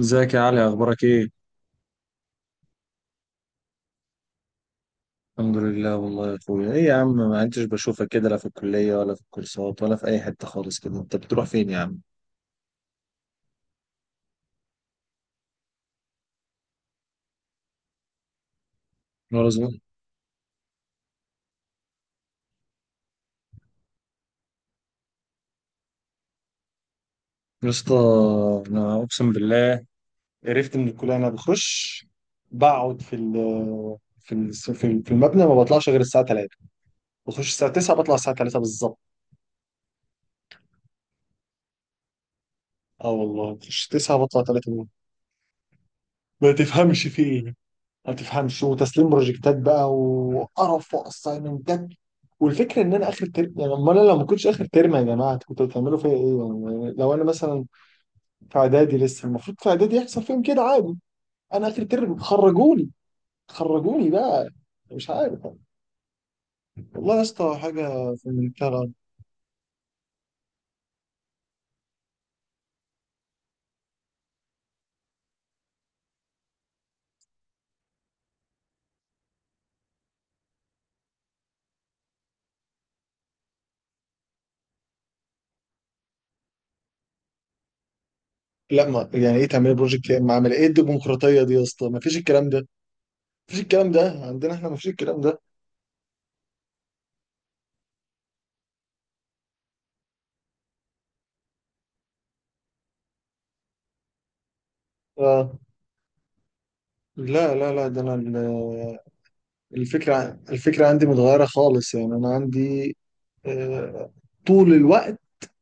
ازيك يا علي؟ اخبارك ايه؟ الحمد لله والله يا اخويا. ايه يا عم، ما انتش بشوفك كده، لا في الكليه ولا في الكورسات ولا في اي حته خالص، كده انت بتروح فين يا عم؟ ولا زمان يا اسطى. انا اقسم بالله قرفت من الكليه. انا بخش، بقعد في ال في المبنى، ما بطلعش غير الساعه 3. بخش الساعه 9 بطلع الساعه 3 بالظبط. اه والله بخش 9 بطلع 3. ما تفهمش في ايه، ما بتفهمش، وتسليم بروجكتات بقى وقرف واسايمنتات. والفكره ان انا اخر ترم، يعني امال انا لو ما كنتش اخر ترم يا جماعه كنتوا بتعملوا فيا ايه؟ يعني لو انا مثلا في اعدادي لسه، المفروض في اعدادي يحصل فيهم كده عادي. انا اخر ترم خرجوني، خرجوني بقى، مش عارف. والله يا اسطى حاجه في منتهى العبث. لا، ما يعني ايه تعملي بروجكت يا اما عامل ايه؟ إيه الديمقراطيه دي يا اسطى؟ ما فيش الكلام ده، ما فيش الكلام ده عندنا، احنا ما فيش الكلام ده. آه. لا لا لا، ده انا الفكرة، عندي متغيرة خالص، يعني أنا عندي آه، طول الوقت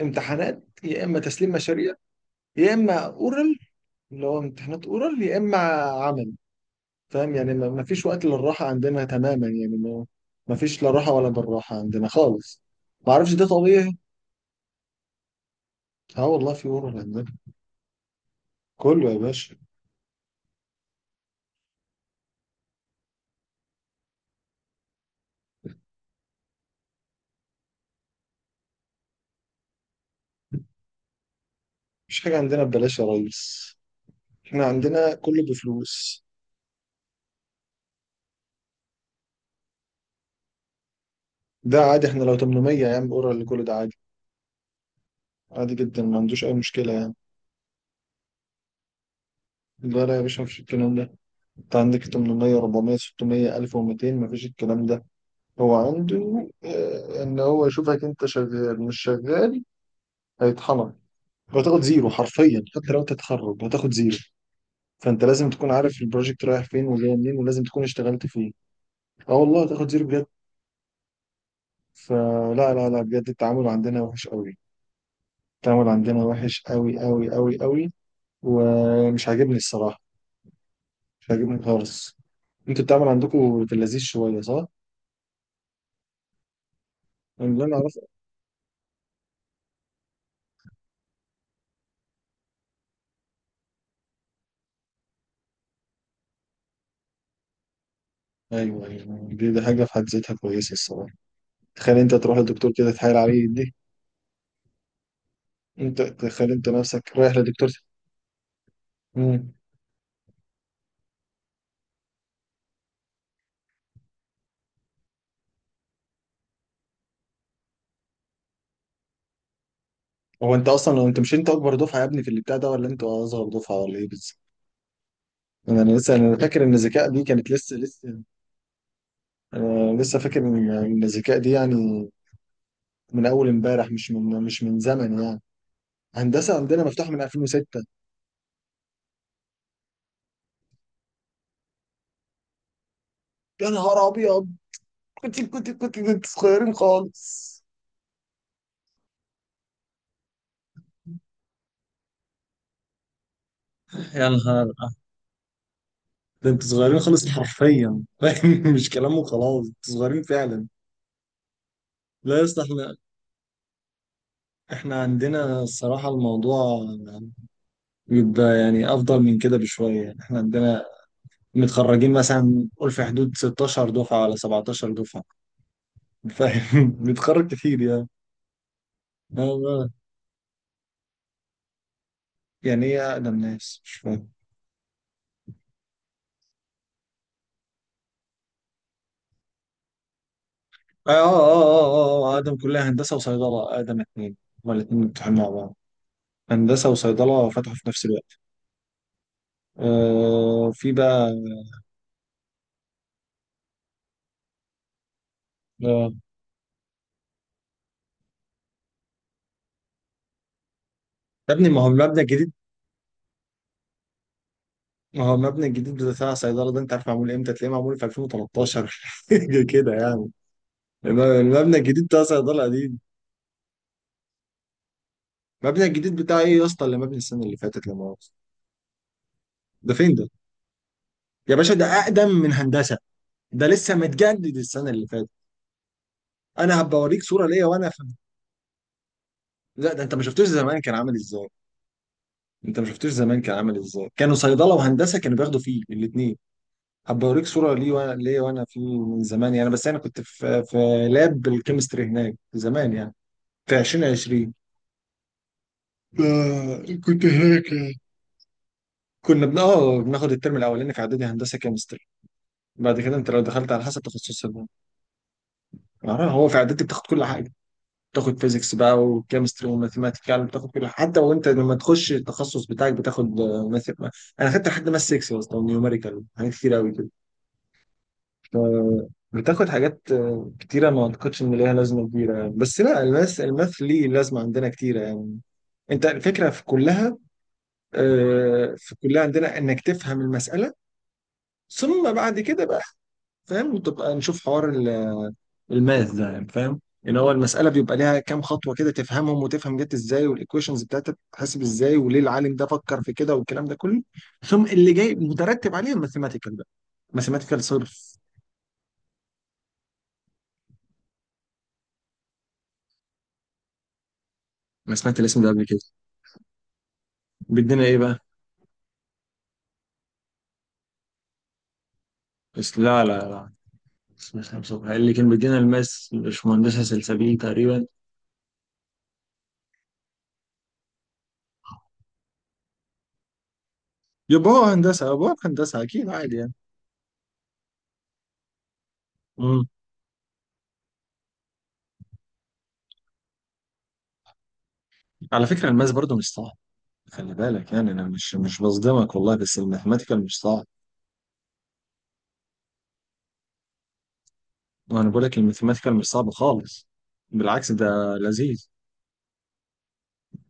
امتحانات، يا إما تسليم مشاريع، يا إما أورال، اللي هو امتحانات أورال، يا إما عمل. فاهم؟ يعني ما فيش وقت للراحة عندنا تماما، يعني ما ما فيش لا راحة ولا بالراحة عندنا خالص. ما أعرفش ده طبيعي. اه والله في أورال عندنا، كله يا باشا. مفيش حاجة عندنا ببلاش يا ريس، احنا عندنا كله بفلوس. ده عادي، احنا لو 800 يا عم أورال كل ده عادي، عادي جدا، ما عندوش أي مشكلة يعني. لا لا يا باشا، مفيش الكلام ده. انت عندك 800، 400 600 1200 مفيش الكلام ده. هو عنده ان هو يشوفك انت شغال مش شغال. هيطحنك، وهتاخد زيرو حرفيا، حتى لو تتخرج هتاخد زيرو. فانت لازم تكون عارف البروجكت رايح فين وجاي منين، ولازم تكون اشتغلت فيه. اه والله هتاخد زيرو بجد. فلا لا لا لا، بجد التعامل عندنا وحش قوي. التعامل عندنا وحش قوي قوي قوي قوي، ومش عاجبني الصراحة، مش عاجبني خالص. انتوا التعامل عندكم في اللذيذ شوية صح؟ يعني اللي انا، ايوه ايوه، دي، دي حاجه في حد ذاتها كويسه الصراحه. تخيل انت تروح للدكتور كده تحايل عليه دي، انت تخيل انت نفسك رايح للدكتور. امم هو انت اصلا لو انت مش، انت اكبر دفعه يا ابني في اللي بتاع ده ولا انت اصغر دفعه ولا ايه بالظبط؟ انا، أنا لسه انا فاكر ان الذكاء دي كانت لسه، انا لسه فاكر ان الذكاء دي يعني من اول امبارح، مش من زمن يعني. هندسه عندنا مفتوحه من 2006. يا نهار ابيض، كنت صغيرين خالص. يا نهار، ده انتوا صغيرين خالص حرفيا، فاهم؟ مش كلام وخلاص، انتوا صغيرين فعلا. لا يا اسطى، احنا عندنا الصراحة الموضوع بيبقى يعني أفضل من كده بشوية، يعني احنا عندنا متخرجين مثلا قول في حدود 16 دفعة ولا 17 دفعة، فاهم؟ بنتخرج كتير يعني. آه، آه. يعني ايه أقدم ناس؟ مش فاهم. أقدم كلية هندسة وصيدلة، أقدم اتنين. هما الاتنين مفتوحين مع بعض، هندسة وصيدلة فتحوا في نفس الوقت. آه، في بقى. آه، يا ابني ما هو المبنى الجديد، ما هو المبنى الجديد بتاع الصيدله ده، انت عارف معمول امتى؟ تلاقيه معمول في 2013 حاجه كده يعني. المبنى الجديد بتاع صيدله قديم. المبنى الجديد بتاع ايه يا اسطى اللي مبني السنه اللي فاتت؟ لما هو ده فين ده؟ يا باشا ده اقدم من هندسه، ده لسه متجدد السنه اللي فاتت. انا هبقى اوريك صوره ليا وانا في، لا ده انت ما شفتوش زمان كان عامل ازاي، انت ما شفتوش زمان كان عامل ازاي. كانوا صيدله وهندسه كانوا بياخدوا فيه الاثنين. هبقى اوريك صوره ليه وانا في، من زمان يعني، بس انا كنت في لاب الكيمستري هناك زمان يعني. في 2020 آه كنت هناك يعني. كنا بن اه بناخد الترم الاولاني في اعدادي هندسه كيمستري. بعد كده انت لو دخلت على حسب تخصصك بقى. آه، هو في اعدادي بتاخد كل حاجه. بتاخد فيزيكس بقى وكيمستري وماثيماتيكال، بتاخد كل حاجه. حتى وانت لما تخش التخصص بتاعك بتاخد انا خدت لحد ماث 6 يا اسطى، ونيوميريكال، حاجات كتير قوي كده. آه، بتاخد حاجات آه، كتيرة ما اعتقدش ان ليها لازمة كبيرة، بس لا، الماث ليه لازمة عندنا كتيرة يعني. انت الفكرة في كلها، آه، في كلها عندنا انك تفهم المسألة، ثم بعد كده بقى، فاهم، تبقى نشوف حوار الماث ده يعني. فاهم ان هو المسألة بيبقى ليها كام خطوة كده، تفهمهم وتفهم جت ازاي، والايكويشنز بتاعتها بتتحسب ازاي، وليه العالم ده فكر في كده، والكلام ده كله. ثم اللي جاي مترتب عليه الماثيماتيكال بقى، ماثيماتيكال صرف. انا سمعت الاسم ده قبل كده. بيدينا ايه بقى؟ بس لا لا لا، بس مش هنشوفها. اللي كان بيدينا الماس مش مهندسة سلسبيل تقريبا؟ يبقى هو هندسة، يبقى هو هندسة أكيد عادي يعني. امم على فكرة الماس برضو مش صعب. خلي بالك يعني، أنا مش بصدمك والله، بس الماثيماتيكال مش صعب. وأنا بقول لك الماثيماتيكال مش صعب خالص، بالعكس ده لذيذ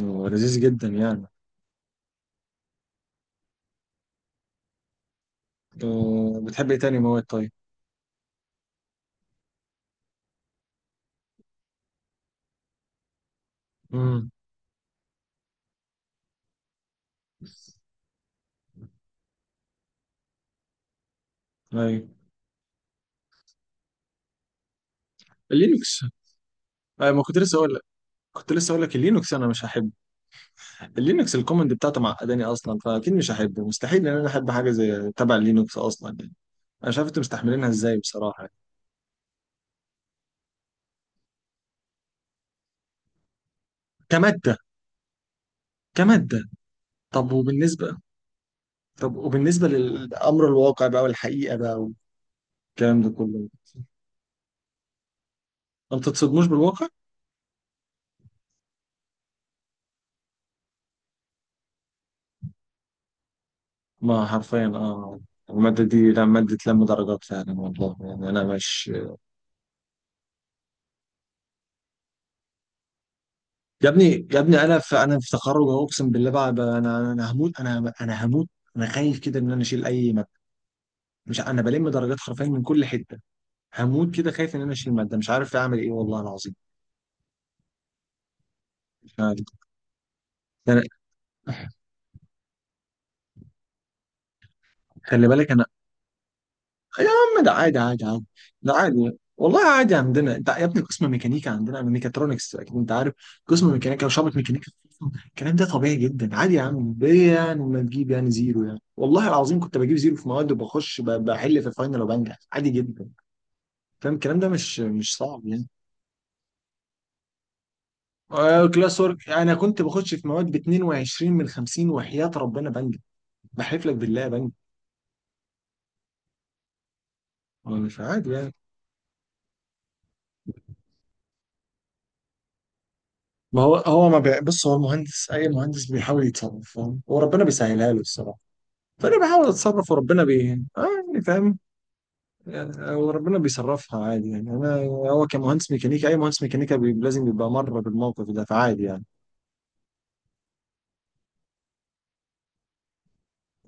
ولذيذ جدا يعني. أه، بتحب إيه تاني مواد طيب؟ امم أيوه. اللينكس، أيوة ما كنت لسه أقول لك، كنت لسه أقول لك اللينكس أنا مش هحبه. اللينكس الكومنت بتاعته معقداني اصلا، فاكيد مش هحبه. مستحيل ان انا احب حاجه زي تبع اللينكس اصلا يعني. انا مش عارف انتوا مستحملينها ازاي بصراحه يعني. كماده، كماده. طب وبالنسبه، طب وبالنسبه للامر الواقع بقى والحقيقه بقى والكلام ده كله، ما بتتصدموش بالواقع؟ ما حرفيا اه، الماده دي لا، ماده لم درجات فعلا والله، يعني انا مش، يا ابني يا ابني انا في، انا في تخرج أهو، اقسم بالله بقى، انا هموت، انا هموت. انا خايف كده ان انا اشيل اي ماده، مش ع- انا بلم درجات حرفيا من كل حته. هموت كده خايف ان انا اشيل ماده، مش عارف اعمل ايه والله العظيم. مش عارف. أنا، خلي بالك انا. يا عم ده عادي عادي عادي، ده عادي والله، عادي عندنا. انت يا ابني قسم ميكانيكا عندنا من ميكاترونكس اكيد انت عارف، قسم ميكانيكا وشعبة ميكانيكا. الكلام ده طبيعي جدا عادي يا عم، ليه يعني ما تجيب يعني زيرو يعني؟ والله العظيم كنت بجيب زيرو في مواد وبخش بحل في الفاينل وبنجح عادي جدا. فاهم، الكلام ده مش صعب يعني. آه، كلاس ورك. انا كنت بخش في مواد ب 22 من 50 وحياة ربنا بنجح، بحلف لك بالله بنجح. هو مش عادي يعني؟ ما هو هو ما بي، بص هو المهندس، اي مهندس بيحاول يتصرف، فاهم، وربنا بيسهلها له الصراحه. فانا بحاول اتصرف وربنا بي، اه، يعني فاهم، يعني وربنا بيصرفها عادي يعني. انا هو كمهندس ميكانيكا، اي مهندس ميكانيكا بي، لازم يبقى مر بالموقف ده، فعادي يعني.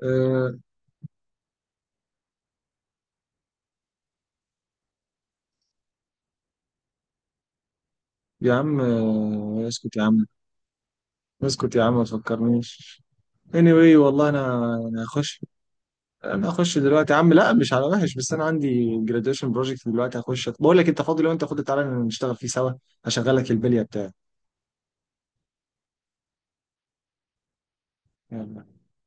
آه. يا عم آه، اسكت يا عم، اسكت يا عم ما تفكرنيش. anyway، والله انا، انا هخش، انا هخش دلوقتي يا عم. لا مش على وحش، بس انا عندي جراديويشن بروجكت دلوقتي. هخش بقول لك، انت فاضي؟ لو انت فاضي تعالى نشتغل فيه سوا، هشغلك البليه بتاعي. يلا.